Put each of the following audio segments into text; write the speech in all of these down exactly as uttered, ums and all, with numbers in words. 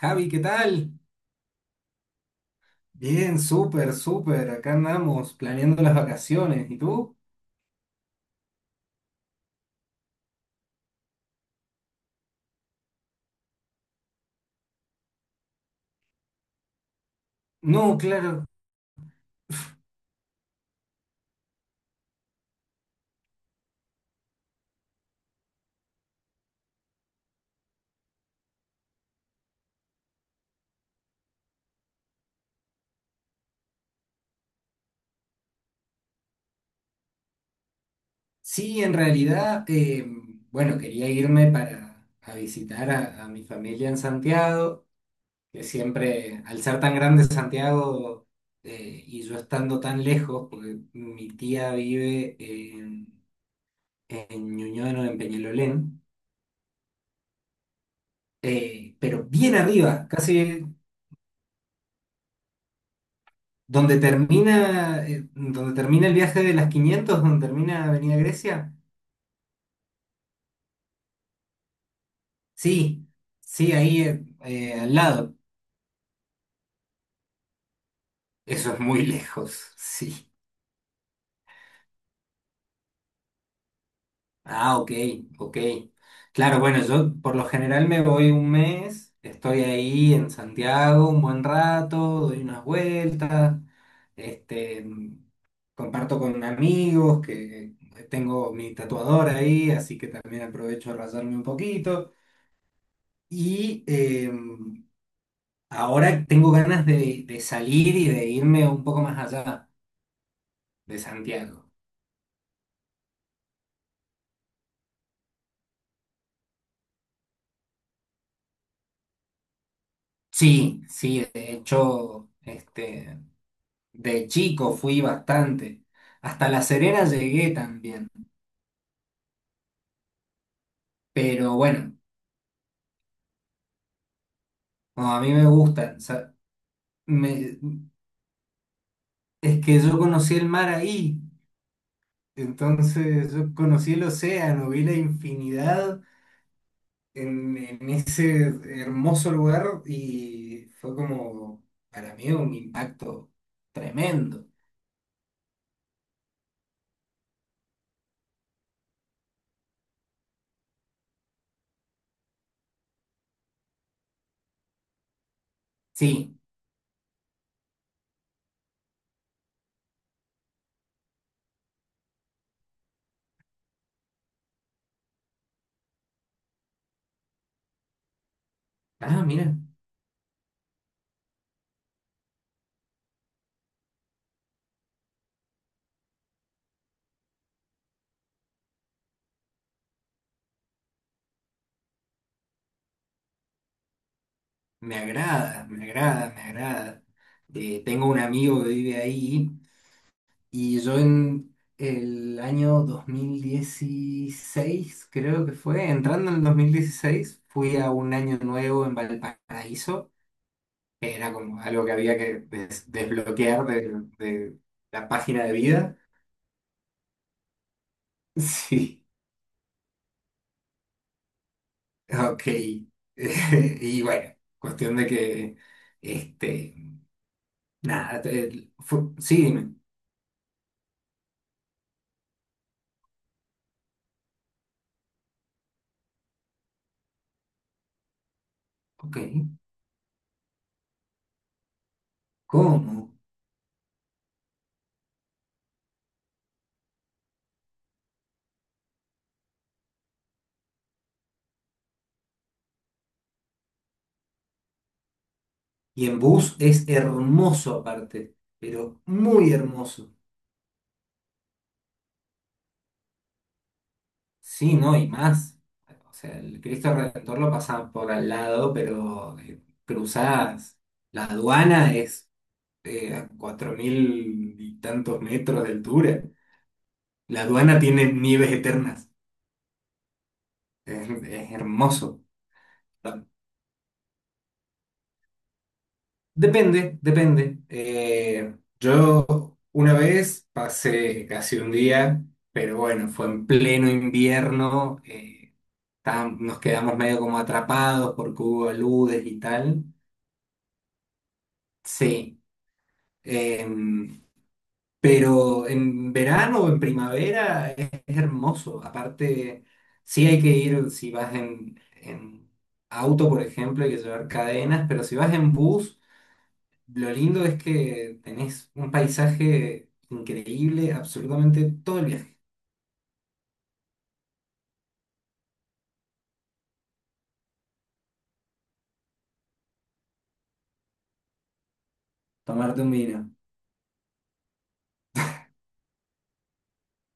Javi, ¿qué tal? Bien, súper, súper. Acá andamos planeando las vacaciones. ¿Y tú? No, claro. Sí, en realidad, eh, bueno, quería irme para a visitar a, a mi familia en Santiago, que siempre, al ser tan grande Santiago, eh, y yo estando tan lejos, porque mi tía vive en, en Ñuñoa, no, en Peñalolén, eh, pero bien arriba, casi Donde termina, eh, donde termina el viaje de las quinientos, donde termina Avenida Grecia, sí, sí, ahí eh, eh, al lado. Eso es muy lejos, sí. Ah, ok, ok. Claro, bueno, yo por lo general me voy un mes, estoy ahí en Santiago un buen rato, doy unas vueltas, este, comparto con amigos que tengo mi tatuador ahí, así que también aprovecho a rayarme un poquito. Y em, Ahora tengo ganas de, de salir y de irme un poco más allá de Santiago. Sí, sí, de hecho, este, de chico fui bastante. Hasta La Serena llegué también. Pero bueno, como a mí me gusta, o sea, me- es que yo conocí el mar ahí. Entonces yo conocí el océano, vi la infinidad en, en ese hermoso lugar y fue como, para mí, un impacto tremendo. Sí, ah, mira, me agrada, me agrada, me agrada. Eh, tengo un amigo que vive ahí y yo en el año dos mil dieciséis creo que fue, entrando en el dos mil dieciséis fui a un año nuevo en Valparaíso, que era como algo que había que des- desbloquear de, de la página de vida. Sí, ok. Y bueno, cuestión de que, este, nada, te- fue- sí, dime. Ok, ¿cómo? Y en bus es hermoso aparte, pero muy hermoso. Sí, no, y más. O sea, el Cristo Redentor lo pasan por al lado, pero eh, cruzadas. La aduana es eh, a cuatro mil y tantos metros de altura. La aduana tiene nieves eternas. Es, es hermoso. Depende, depende. Eh, yo una vez pasé casi un día, pero bueno, fue en pleno invierno, eh, estábamos- nos quedamos medio como atrapados porque hubo aludes y tal. Sí, em, pero en verano o en primavera es, es hermoso. Aparte, sí hay que ir si vas en, en auto, por ejemplo, hay que llevar cadenas, pero si vas en bus. Lo lindo es que tenés un paisaje increíble absolutamente todo el viaje. Tomarte un vino.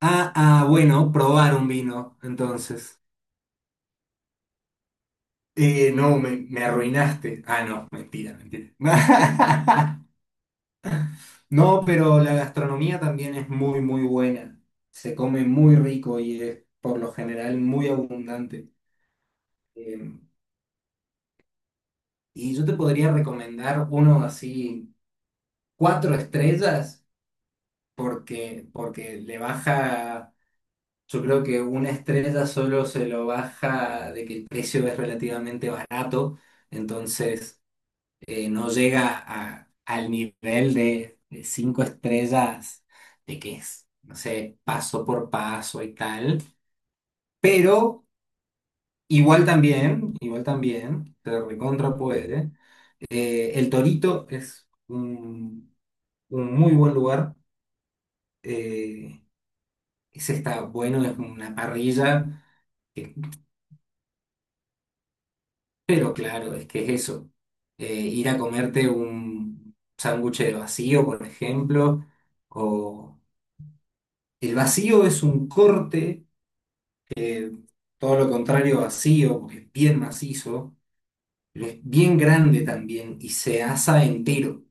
Ah, ah, bueno, probar un vino, entonces. Eh, no, me, me arruinaste. Ah, no, mentira, mentira. No, pero la gastronomía también es muy, muy buena. Se come muy rico y es por lo general muy abundante. Eh, y yo te podría recomendar uno así, cuatro estrellas, porque, porque le baja. Yo creo que una estrella solo se lo baja de que el precio es relativamente barato, entonces eh, no llega a- al nivel de, de cinco estrellas, de que es, no sé, paso por paso y tal. Pero igual también, igual también, se recontra puede. Eh, El Torito es un, un muy buen lugar. eh, Ese está bueno, es una parrilla. Pero claro, es que es eso. Eh, ir a comerte un sándwich de vacío, por ejemplo, o el vacío es un corte, todo lo contrario a vacío, porque es bien macizo, pero es bien grande también y se asa entero.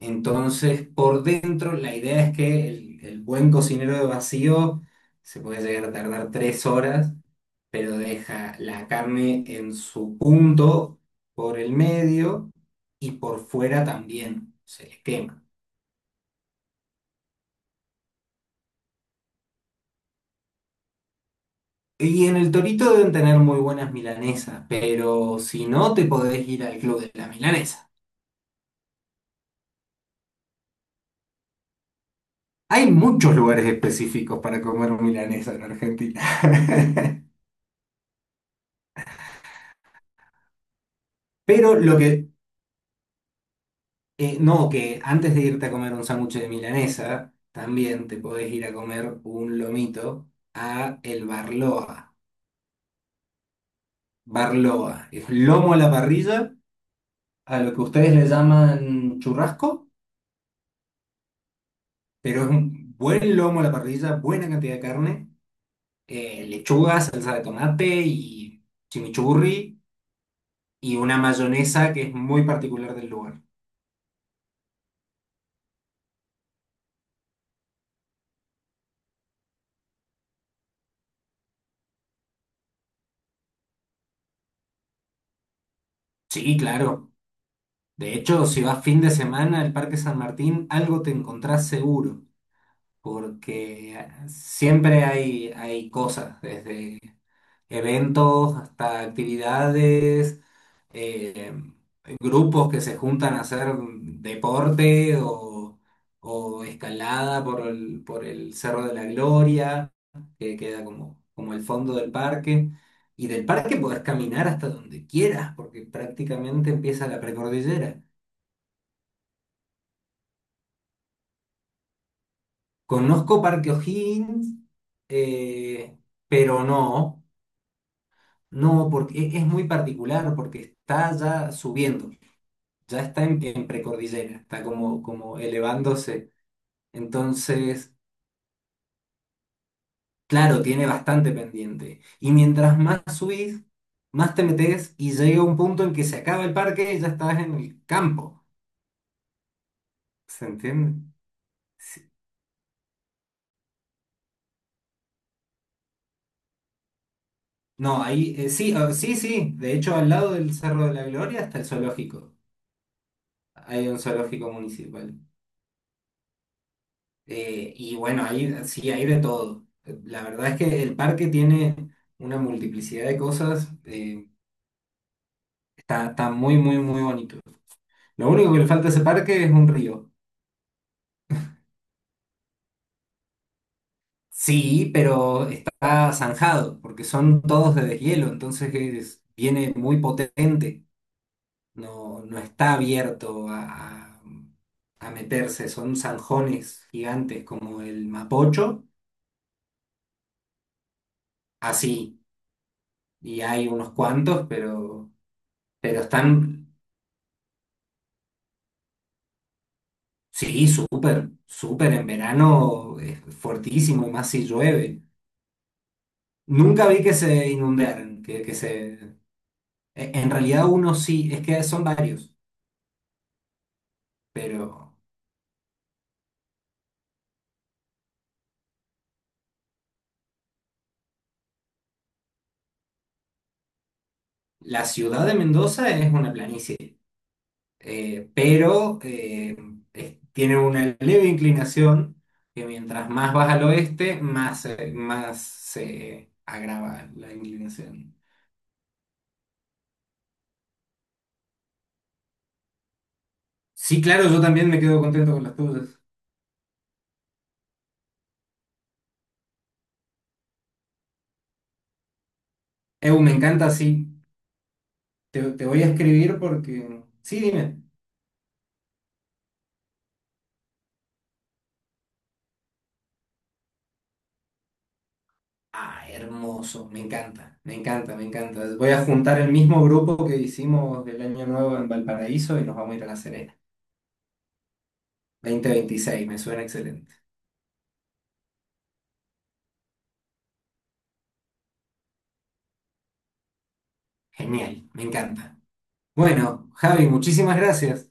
Entonces, por dentro, la idea es que el, el buen cocinero de vacío se puede llegar a tardar tres horas, pero deja la carne en su punto por el medio y por fuera también se le quema. Y en el Torito deben tener muy buenas milanesas, pero si no, te podés ir al Club de la Milanesa. Hay muchos lugares específicos para comer milanesa en Argentina. Pero lo que, eh, no, que antes de irte a comer un sándwich de milanesa, también te podés ir a comer un lomito a El Barloa. Barloa. Es lomo a la parrilla, a lo que ustedes le llaman churrasco, pero es un buen lomo a la parrilla, buena cantidad de carne, eh, lechuga, salsa de tomate y chimichurri y una mayonesa que es muy particular del lugar. Sí, claro. De hecho, si vas fin de semana al Parque San Martín, algo te encontrás seguro, porque siempre hay, hay cosas, desde eventos, hasta actividades, eh, grupos que se juntan a hacer deporte o, o escalada por el, por el Cerro de la Gloria, que queda como, como, el fondo del parque. Y del parque podés caminar hasta donde quieras, porque prácticamente empieza la precordillera. Conozco Parque O'Higgins, eh, pero no, no, porque es es muy particular, porque está ya subiendo. Ya está en, en precordillera, está como, como elevándose. Entonces, claro, tiene bastante pendiente. Y mientras más subís, más te metes y llega un punto en que se acaba el parque y ya estás en el campo. ¿Se entiende? Sí. No, ahí, eh, sí, ah, sí, sí. De hecho, al lado del Cerro de la Gloria está el zoológico. Hay un zoológico municipal. Eh, y bueno, ahí sí, hay de todo. La verdad es que el parque tiene una multiplicidad de cosas. eh, Está, está muy, muy, muy bonito. Lo único que le falta a ese parque es un río. Sí, pero está zanjado, porque son todos de deshielo, entonces es- viene muy potente. No, no está abierto a, a, meterse, son zanjones gigantes como el Mapocho, así. Y hay unos cuantos, pero, pero están, sí, súper, súper en verano, es fortísimo, y más si llueve. Nunca vi que se inundaran, que, que se E- En realidad uno sí, es que son varios, pero la ciudad de Mendoza es una planicie, eh, pero eh, es- tiene una leve inclinación que mientras más vas al oeste, más, eh, más se agrava la inclinación. Sí, claro, yo también me quedo contento con las tuyas. Eu, me encanta, sí. Te, te voy a escribir porque. Sí, dime. Ah, hermoso, me encanta, me encanta, me encanta. Voy a juntar el mismo grupo que hicimos del año nuevo en Valparaíso y nos vamos a ir a La Serena. Dos mil veintiséis, me suena excelente. Genial, me encanta. Bueno, Javi, muchísimas gracias.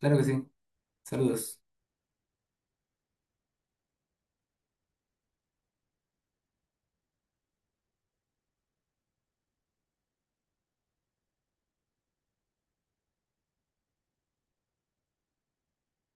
Claro que sí. Saludos.